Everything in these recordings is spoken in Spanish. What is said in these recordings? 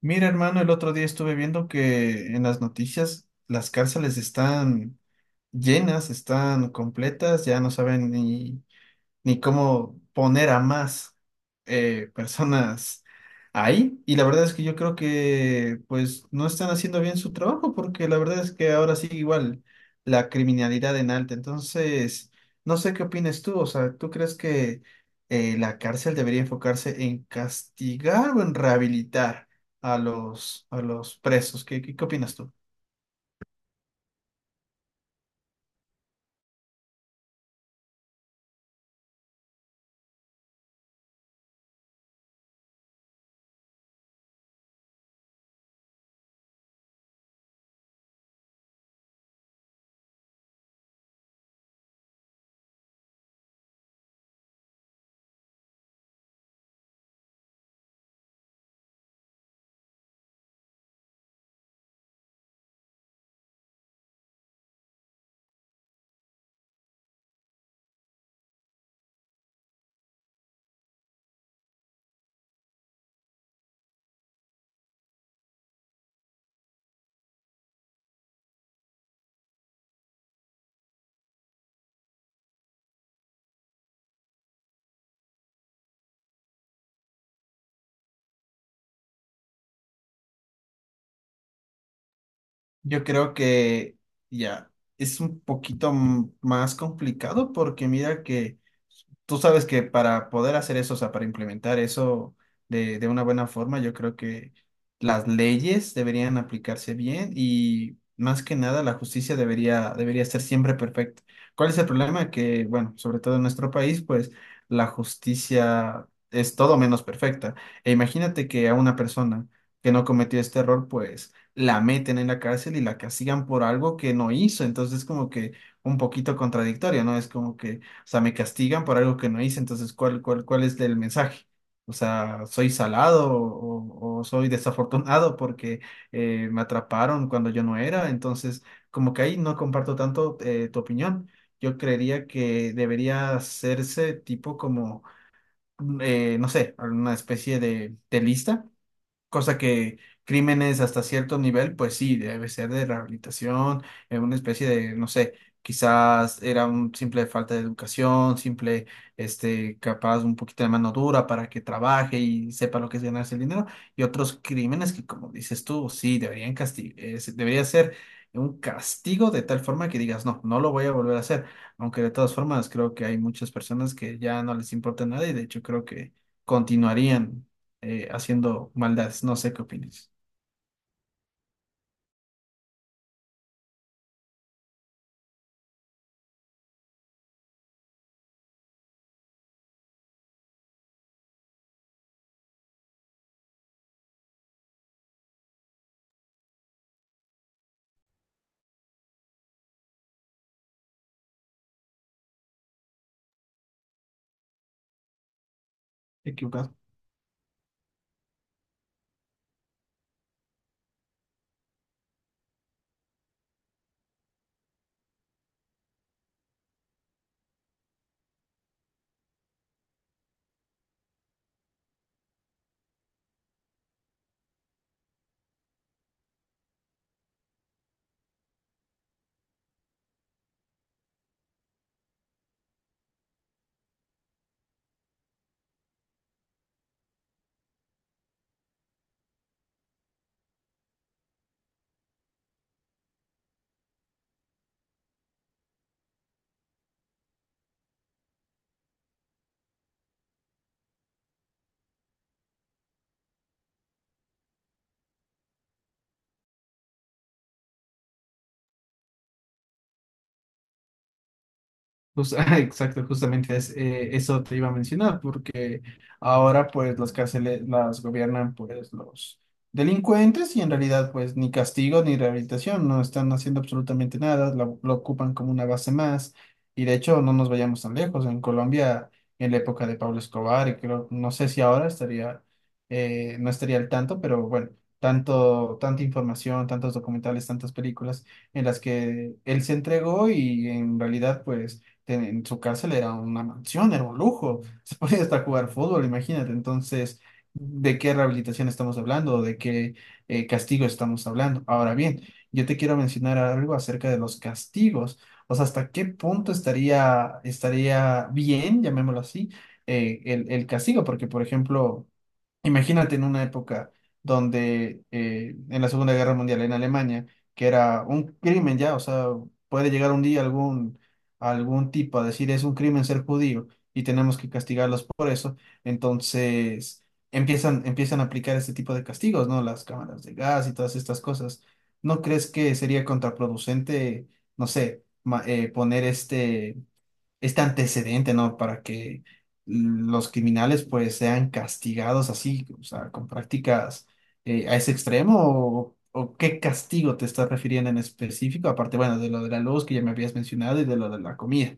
Mira, hermano, el otro día estuve viendo que en las noticias las cárceles están llenas, están completas, ya no saben ni cómo poner a más personas ahí. Y la verdad es que yo creo que pues no están haciendo bien su trabajo porque la verdad es que ahora sí igual la criminalidad en alta. Entonces, no sé qué opinas tú. O sea, ¿tú crees que la cárcel debería enfocarse en castigar o en rehabilitar a los presos? ¿Qué opinas tú? Yo creo que ya es un poquito más complicado porque mira que tú sabes que para poder hacer eso, o sea, para implementar eso de una buena forma, yo creo que las leyes deberían aplicarse bien y más que nada la justicia debería ser siempre perfecta. ¿Cuál es el problema? Que, bueno, sobre todo en nuestro país, pues la justicia es todo menos perfecta. E imagínate que a una persona que no cometió este error, pues la meten en la cárcel y la castigan por algo que no hizo. Entonces, como que un poquito contradictorio, ¿no? Es como que, o sea, me castigan por algo que no hice, entonces, ¿cuál es el mensaje? O sea, ¿soy salado o soy desafortunado porque me atraparon cuando yo no era? Entonces, como que ahí no comparto tanto tu opinión. Yo creería que debería hacerse tipo como, no sé, alguna especie de lista. Cosa que crímenes hasta cierto nivel, pues sí, debe ser de rehabilitación, en una especie de, no sé, quizás era un simple falta de educación, simple, este, capaz un poquito de mano dura para que trabaje y sepa lo que es ganarse el dinero, y otros crímenes que, como dices tú, sí, deberían debería ser un castigo de tal forma que digas, no, no lo voy a volver a hacer, aunque de todas formas creo que hay muchas personas que ya no les importa nada y de hecho creo que continuarían haciendo maldades. No sé qué opinas. Equivocado. Pues, ah, exacto, justamente es, eso te iba a mencionar, porque ahora pues las cárceles las gobiernan pues los delincuentes y en realidad pues ni castigo ni rehabilitación, no están haciendo absolutamente nada, lo ocupan como una base más y de hecho no nos vayamos tan lejos, en Colombia en la época de Pablo Escobar y creo, no sé si ahora estaría, no estaría al tanto, pero bueno, tanta información, tantos documentales, tantas películas en las que él se entregó y en realidad pues en su cárcel era una mansión, era un lujo, se podía hasta jugar fútbol, imagínate. Entonces, ¿de qué rehabilitación estamos hablando? ¿De qué castigo estamos hablando? Ahora bien, yo te quiero mencionar algo acerca de los castigos, o sea, hasta qué punto estaría bien, llamémoslo así, el castigo, porque, por ejemplo... Imagínate en una época donde en la Segunda Guerra Mundial en Alemania, que era un crimen ya, o sea, puede llegar un día algún, algún tipo a decir es un crimen ser judío y tenemos que castigarlos por eso, entonces empiezan a aplicar este tipo de castigos, ¿no? Las cámaras de gas y todas estas cosas. ¿No crees que sería contraproducente, no sé, poner este antecedente, ¿no? Para que los criminales pues sean castigados así, o sea, con prácticas a ese extremo o qué castigo te estás refiriendo en específico, aparte, bueno, de lo de la luz que ya me habías mencionado y de lo de la comida.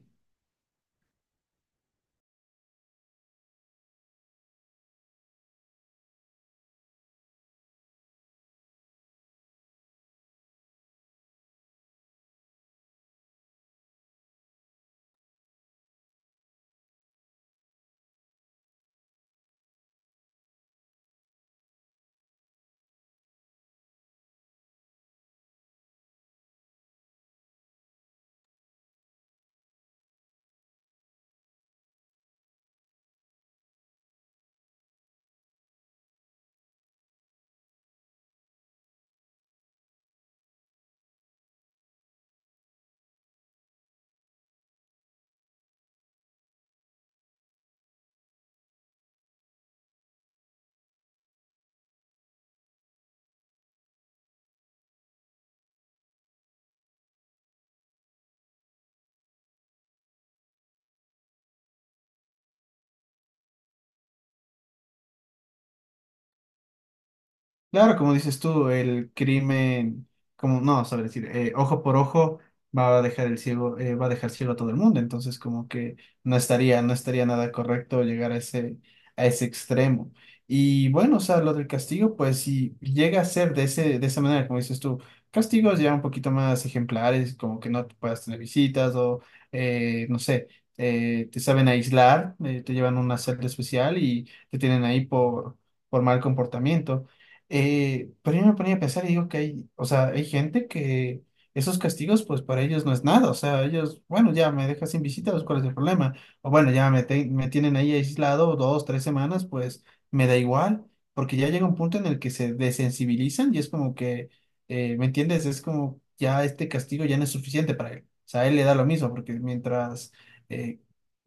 Claro, como dices tú, el crimen, como no, saber decir, ojo por ojo va a dejar el ciego, va a dejar ciego a todo el mundo. Entonces, como que no estaría nada correcto llegar a ese extremo. Y bueno, o sea, lo del castigo, pues si llega a ser de ese, de esa manera, como dices tú, castigos ya un poquito más ejemplares, como que no te puedas tener visitas o no sé, te saben aislar, te llevan a una celda especial y te tienen ahí por mal comportamiento. Pero yo me ponía a pensar y digo que hay, o sea, hay gente que esos castigos, pues para ellos no es nada, o sea, ellos, bueno, ya me dejas sin visita, pues, ¿cuál es el problema? O bueno, me tienen ahí aislado dos, tres semanas, pues me da igual, porque ya llega un punto en el que se desensibilizan y es como que, ¿me entiendes? Es como ya este castigo ya no es suficiente para él, o sea, a él le da lo mismo, porque mientras eh,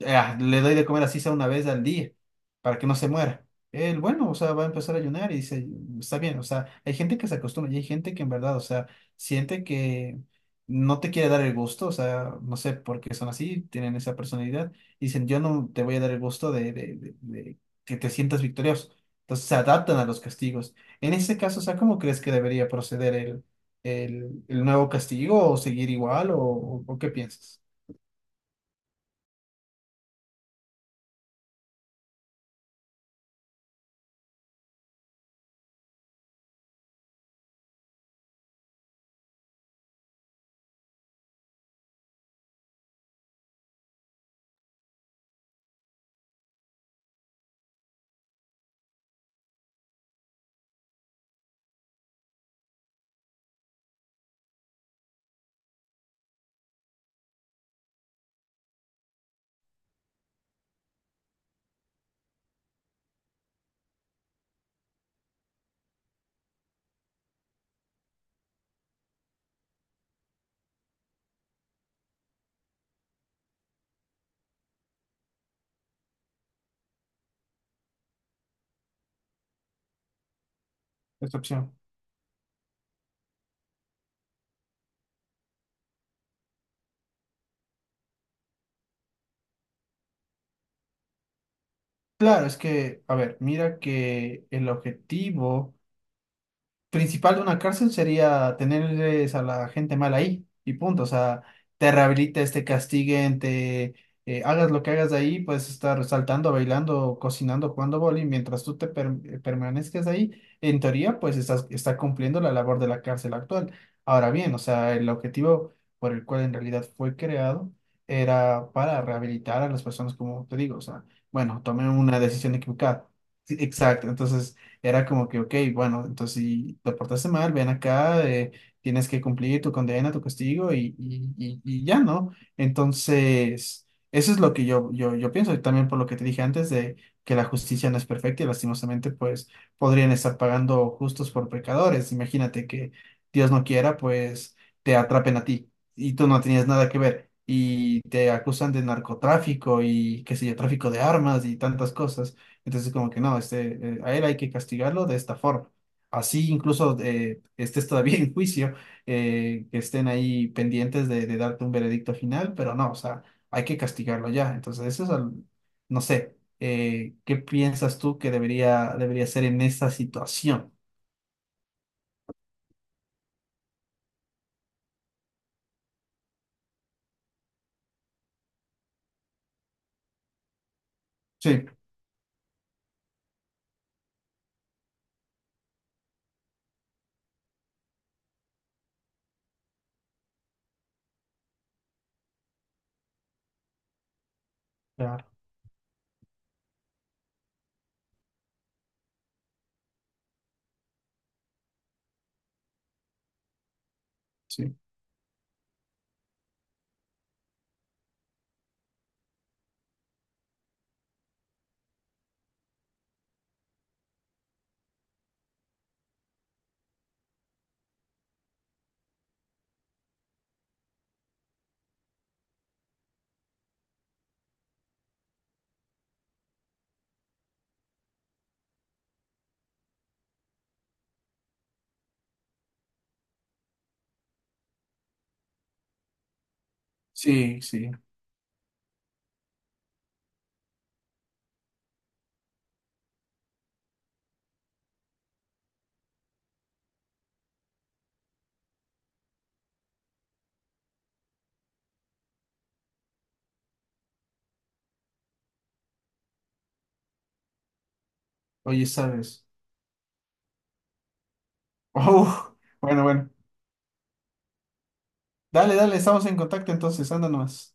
le doy de comer así sea una vez al día, para que no se muera. El bueno, o sea, va a empezar a ayunar y dice, está bien, o sea, hay gente que se acostumbra y hay gente que en verdad, o sea, siente que no te quiere dar el gusto, o sea, no sé por qué son así, tienen esa personalidad, y dicen, yo no te voy a dar el gusto de que te sientas victorioso. Entonces se adaptan a los castigos. En ese caso, o sea, ¿cómo crees que debería proceder el nuevo castigo o seguir igual o qué piensas? Esta opción. Claro, es que, a ver, mira que el objetivo principal de una cárcel sería tenerles a la gente mal ahí y punto. O sea, te rehabilites, te castiguen, te hagas lo que hagas de ahí, puedes estar saltando, bailando, cocinando, jugando boli, mientras tú permanezcas ahí, en teoría, pues está cumpliendo la labor de la cárcel actual. Ahora bien, o sea, el objetivo por el cual en realidad fue creado era para rehabilitar a las personas, como te digo, o sea, bueno, tomé una decisión equivocada. Sí, exacto, entonces... Era como que, ok, bueno, entonces si te portaste mal, ven acá, tienes que cumplir tu condena, tu castigo y ya, ¿no? Entonces, eso es lo que yo pienso y también por lo que te dije antes de que la justicia no es perfecta y lastimosamente pues podrían estar pagando justos por pecadores. Imagínate que Dios no quiera, pues te atrapen a ti y tú no tenías nada que ver. Y te acusan de narcotráfico y qué sé yo, tráfico de armas y tantas cosas. Entonces, como que no, este, a él hay que castigarlo de esta forma. Así incluso estés todavía en juicio, que estén ahí pendientes de darte un veredicto final, pero no, o sea, hay que castigarlo ya. Entonces, eso es, no sé, ¿qué piensas tú que debería ser en esta situación? Sí, claro, sí, sí, sí. Oye, ¿sabes? Oh, bueno, bueno. Dale, dale, estamos en contacto entonces, anda nomás.